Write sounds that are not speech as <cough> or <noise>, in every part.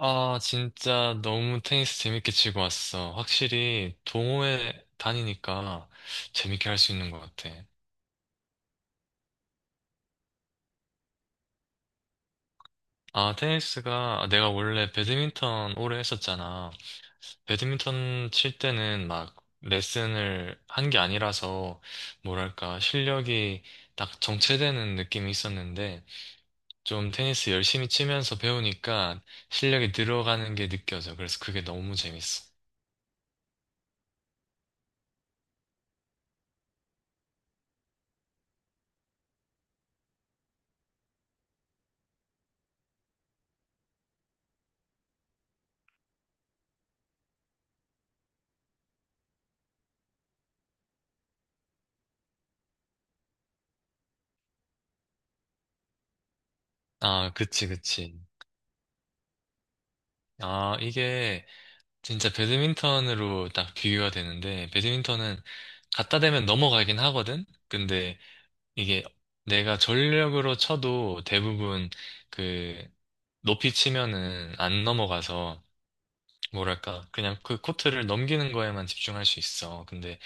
아, 진짜 너무 테니스 재밌게 치고 왔어. 확실히 동호회 다니니까 재밌게 할 수 있는 것 같아. 아, 테니스가 내가 원래 배드민턴 오래 했었잖아. 배드민턴 칠 때는 막 레슨을 한 게 아니라서 뭐랄까 실력이 딱 정체되는 느낌이 있었는데 좀 테니스 열심히 치면서 배우니까 실력이 늘어가는 게 느껴져. 그래서 그게 너무 재밌어. 아, 그치, 그치. 아, 이게 진짜 배드민턴으로 딱 비교가 되는데, 배드민턴은 갖다 대면 넘어가긴 하거든? 근데 이게 내가 전력으로 쳐도 대부분 그 높이 치면은 안 넘어가서, 뭐랄까, 그냥 그 코트를 넘기는 거에만 집중할 수 있어. 근데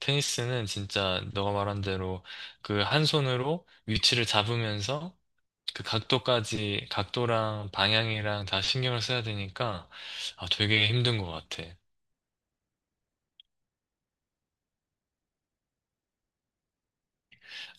테니스는 진짜 너가 말한 대로 그 한 손으로 위치를 잡으면서 그 각도까지, 각도랑 방향이랑 다 신경을 써야 되니까, 아, 되게 힘든 것 같아.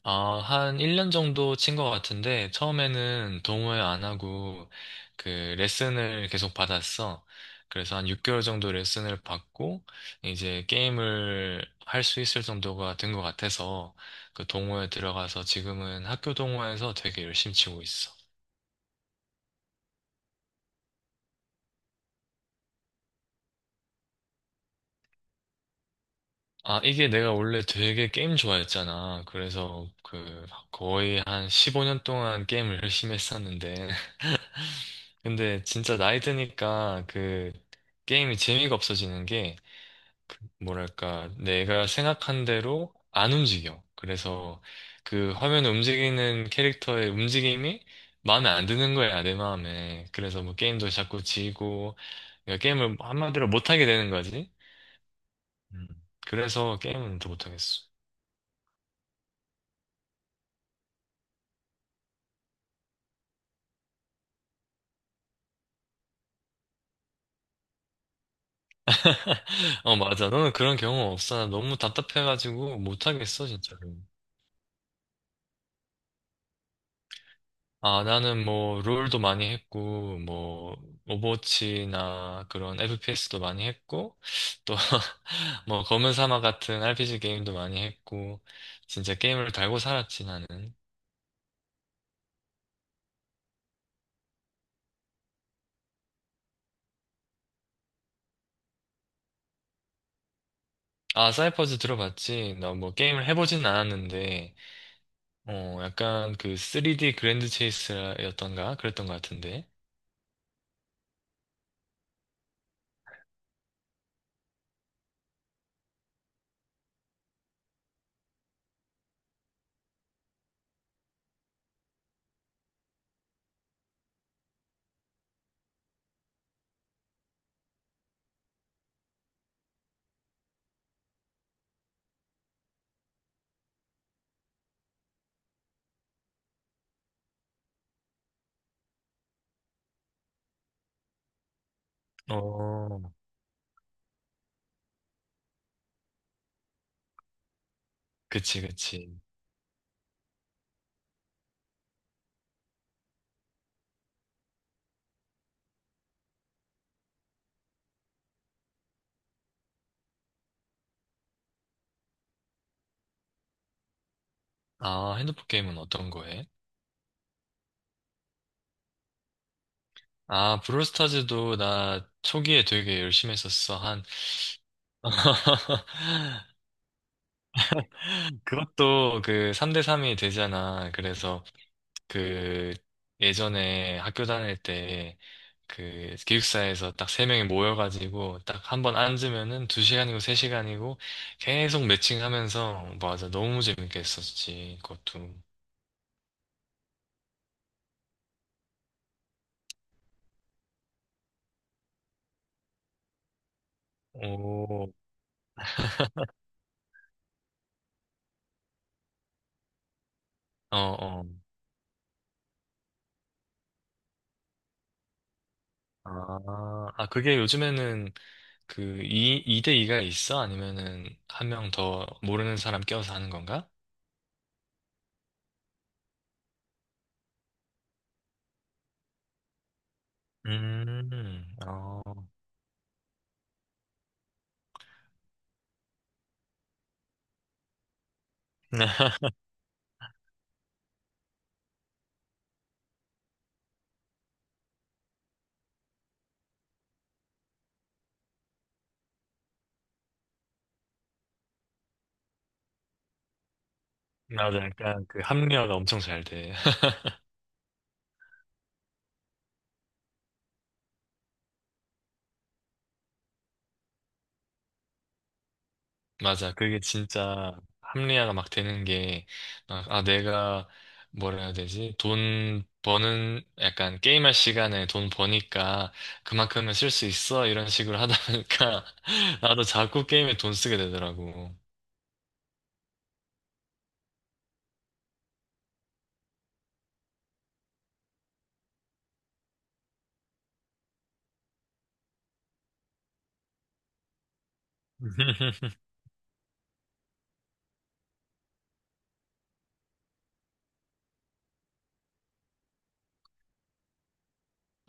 아, 한 1년 정도 친 것 같은데, 처음에는 동호회 안 하고, 그, 레슨을 계속 받았어. 그래서 한 6개월 정도 레슨을 받고, 이제 게임을 할 수 있을 정도가 된 것 같아서, 그 동호회 들어가서 지금은 학교 동호회에서 되게 열심히 치고 있어. 아, 이게 내가 원래 되게 게임 좋아했잖아. 그래서 거의 한 15년 동안 게임을 <laughs> 열심히 했었는데, 근데 진짜 나이 드니까 게임이 재미가 없어지는 게 뭐랄까 내가 생각한 대로 안 움직여. 그래서 그 화면 움직이는 캐릭터의 움직임이 마음에 안 드는 거야, 내 마음에. 그래서 뭐 게임도 자꾸 지고 그러니까 게임을 한마디로 못하게 되는 거지. 음. 그래서 게임은 더 못하겠어. <laughs> 어, 맞아. 너는 그런 경험 없어. 나 너무 답답해가지고 못하겠어, 진짜. 아, 나는 뭐, 롤도 많이 했고, 뭐, 오버워치나 그런 FPS도 많이 했고, 또, <laughs> 뭐, 검은 사막 같은 RPG 게임도 많이 했고, 진짜 게임을 달고 살았지, 나는. 아, 사이퍼즈 들어봤지? 나 뭐, 게임을 해보진 않았는데, 어, 약간 그 3D 그랜드 체이스였던가? 그랬던 것 같은데. 어, 그치, 그치. 아, 핸드폰 게임은 어떤 거 해? 아, 브롤스타즈도 나 초기에 되게 열심히 했었어. 한 <laughs> 그것도 그 3대 3이 되잖아. 그래서 그 예전에 학교 다닐 때 그 기숙사에서 딱 세 명이 모여가지고 딱 한번 앉으면은 두 시간이고 세 시간이고 계속 매칭하면서 맞아. 너무 재밌게 했었지. 그것도. 오, 어, 어. 아, 아, 그게 요즘에는 이대 2가 있어? 아니면은 한 명 더 모르는 사람 껴서 하는 건가? 어. <laughs> 맞아, 약간 그 합리화가 엄청 잘 돼. <laughs> 맞아, 그게 진짜 합리화가 막 되는 게, 아, 아, 내가 뭐라 해야 되지? 돈 버는, 약간 게임할 시간에 돈 버니까 그만큼은 쓸 수 있어. 이런 식으로 하다 보니까 <laughs> 나도 자꾸 게임에 돈 쓰게 되더라고. <laughs>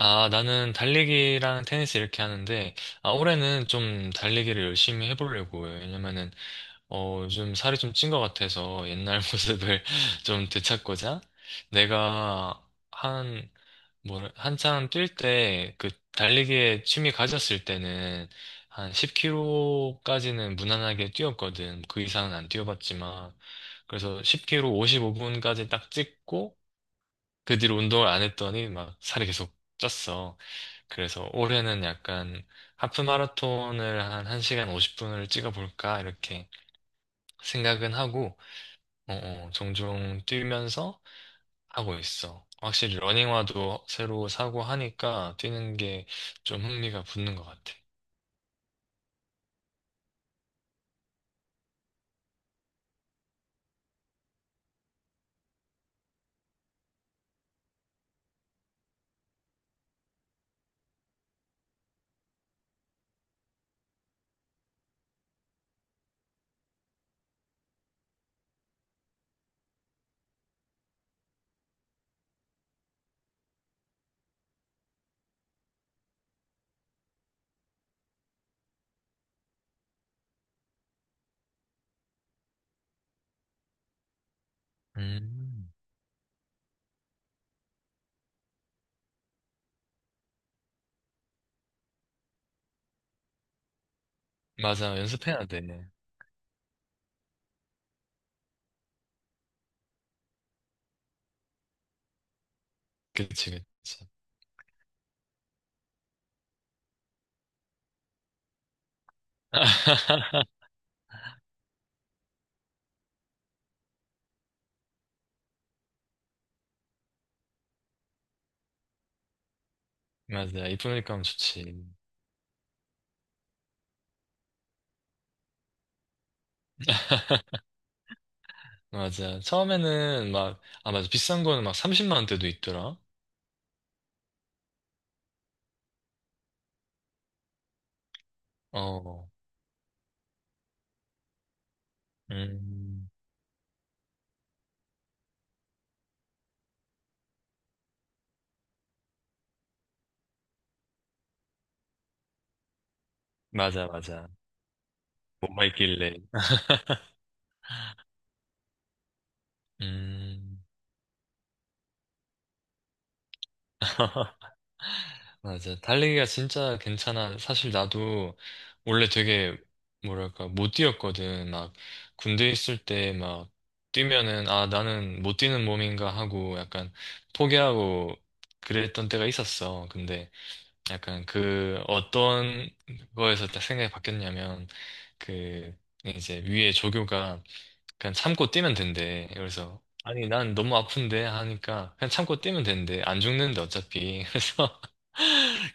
아, 나는 달리기랑 테니스 이렇게 하는데, 아, 올해는 좀 달리기를 열심히 해보려고. 요 왜냐면은 어, 요즘 살이 좀 찐 것 같아서 옛날 <laughs> 모습을 좀 되찾고자 내가 한, 뭐, 한창 뛸 때, 달리기에 취미 가졌을 때는 한 10km까지는 무난하게 뛰었거든. 그 이상은 안 뛰어봤지만. 그래서 1 0 k 오 55분까지 딱 찍고, 그 뒤로 운동을 안 했더니 막 살이 계속 쪘어. 그래서 올해는 약간 하프 마라톤을 한 1시간 50분을 찍어볼까, 이렇게 생각은 하고, 어, 어, 종종 뛰면서 하고 있어. 확실히 러닝화도 새로 사고 하니까 뛰는 게 좀 흥미가 붙는 것 같아. 음. 맞아, 연습해야 돼. 그치, 그치. <laughs> 맞아, 이쁘니까 하면 좋지. <laughs> 맞아. 처음에는 막, 아, 맞아. 비싼 거는 막 30만 원대도 있더라. 어, 음, 맞아, 맞아. 뭐가 있길래. 음. <laughs> 맞아. 달리기가 진짜 괜찮아. 사실 나도 원래 되게, 뭐랄까, 못 뛰었거든. 막, 군대 있을 때 막, 뛰면은, 아, 나는 못 뛰는 몸인가 하고 약간 포기하고 그랬던 때가 있었어. 근데 약간 그 어떤 거에서 딱 생각이 바뀌었냐면, 그, 이제 위에 조교가 그냥 참고 뛰면 된대. 그래서 아니 난 너무 아픈데 하니까 그냥 참고 뛰면 된대. 안 죽는데 어차피. <laughs> 그래서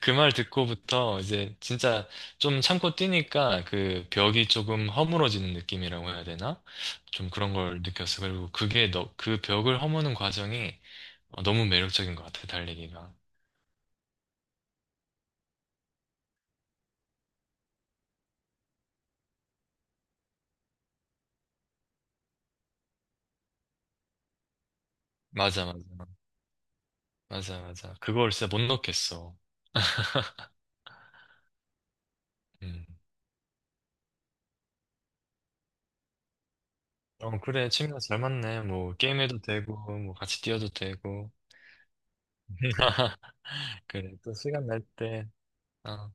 그 말 듣고부터 이제 진짜 좀 참고 뛰니까 그 벽이 조금 허물어지는 느낌이라고 해야 되나? 좀 그런 걸 느꼈어. 그리고 그게 너, 그 벽을 허무는 과정이 어, 너무 매력적인 것 같아, 달리기가. 맞아, 맞아. 맞아, 맞아. 그걸 진짜 못 넣겠어. 음. 어, 그래. 취미가 잘 맞네. 뭐, 게임해도 되고, 뭐, 같이 뛰어도 되고. <laughs> 그래, 또 시간 날 때, 어,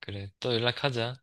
그래, 또 연락하자.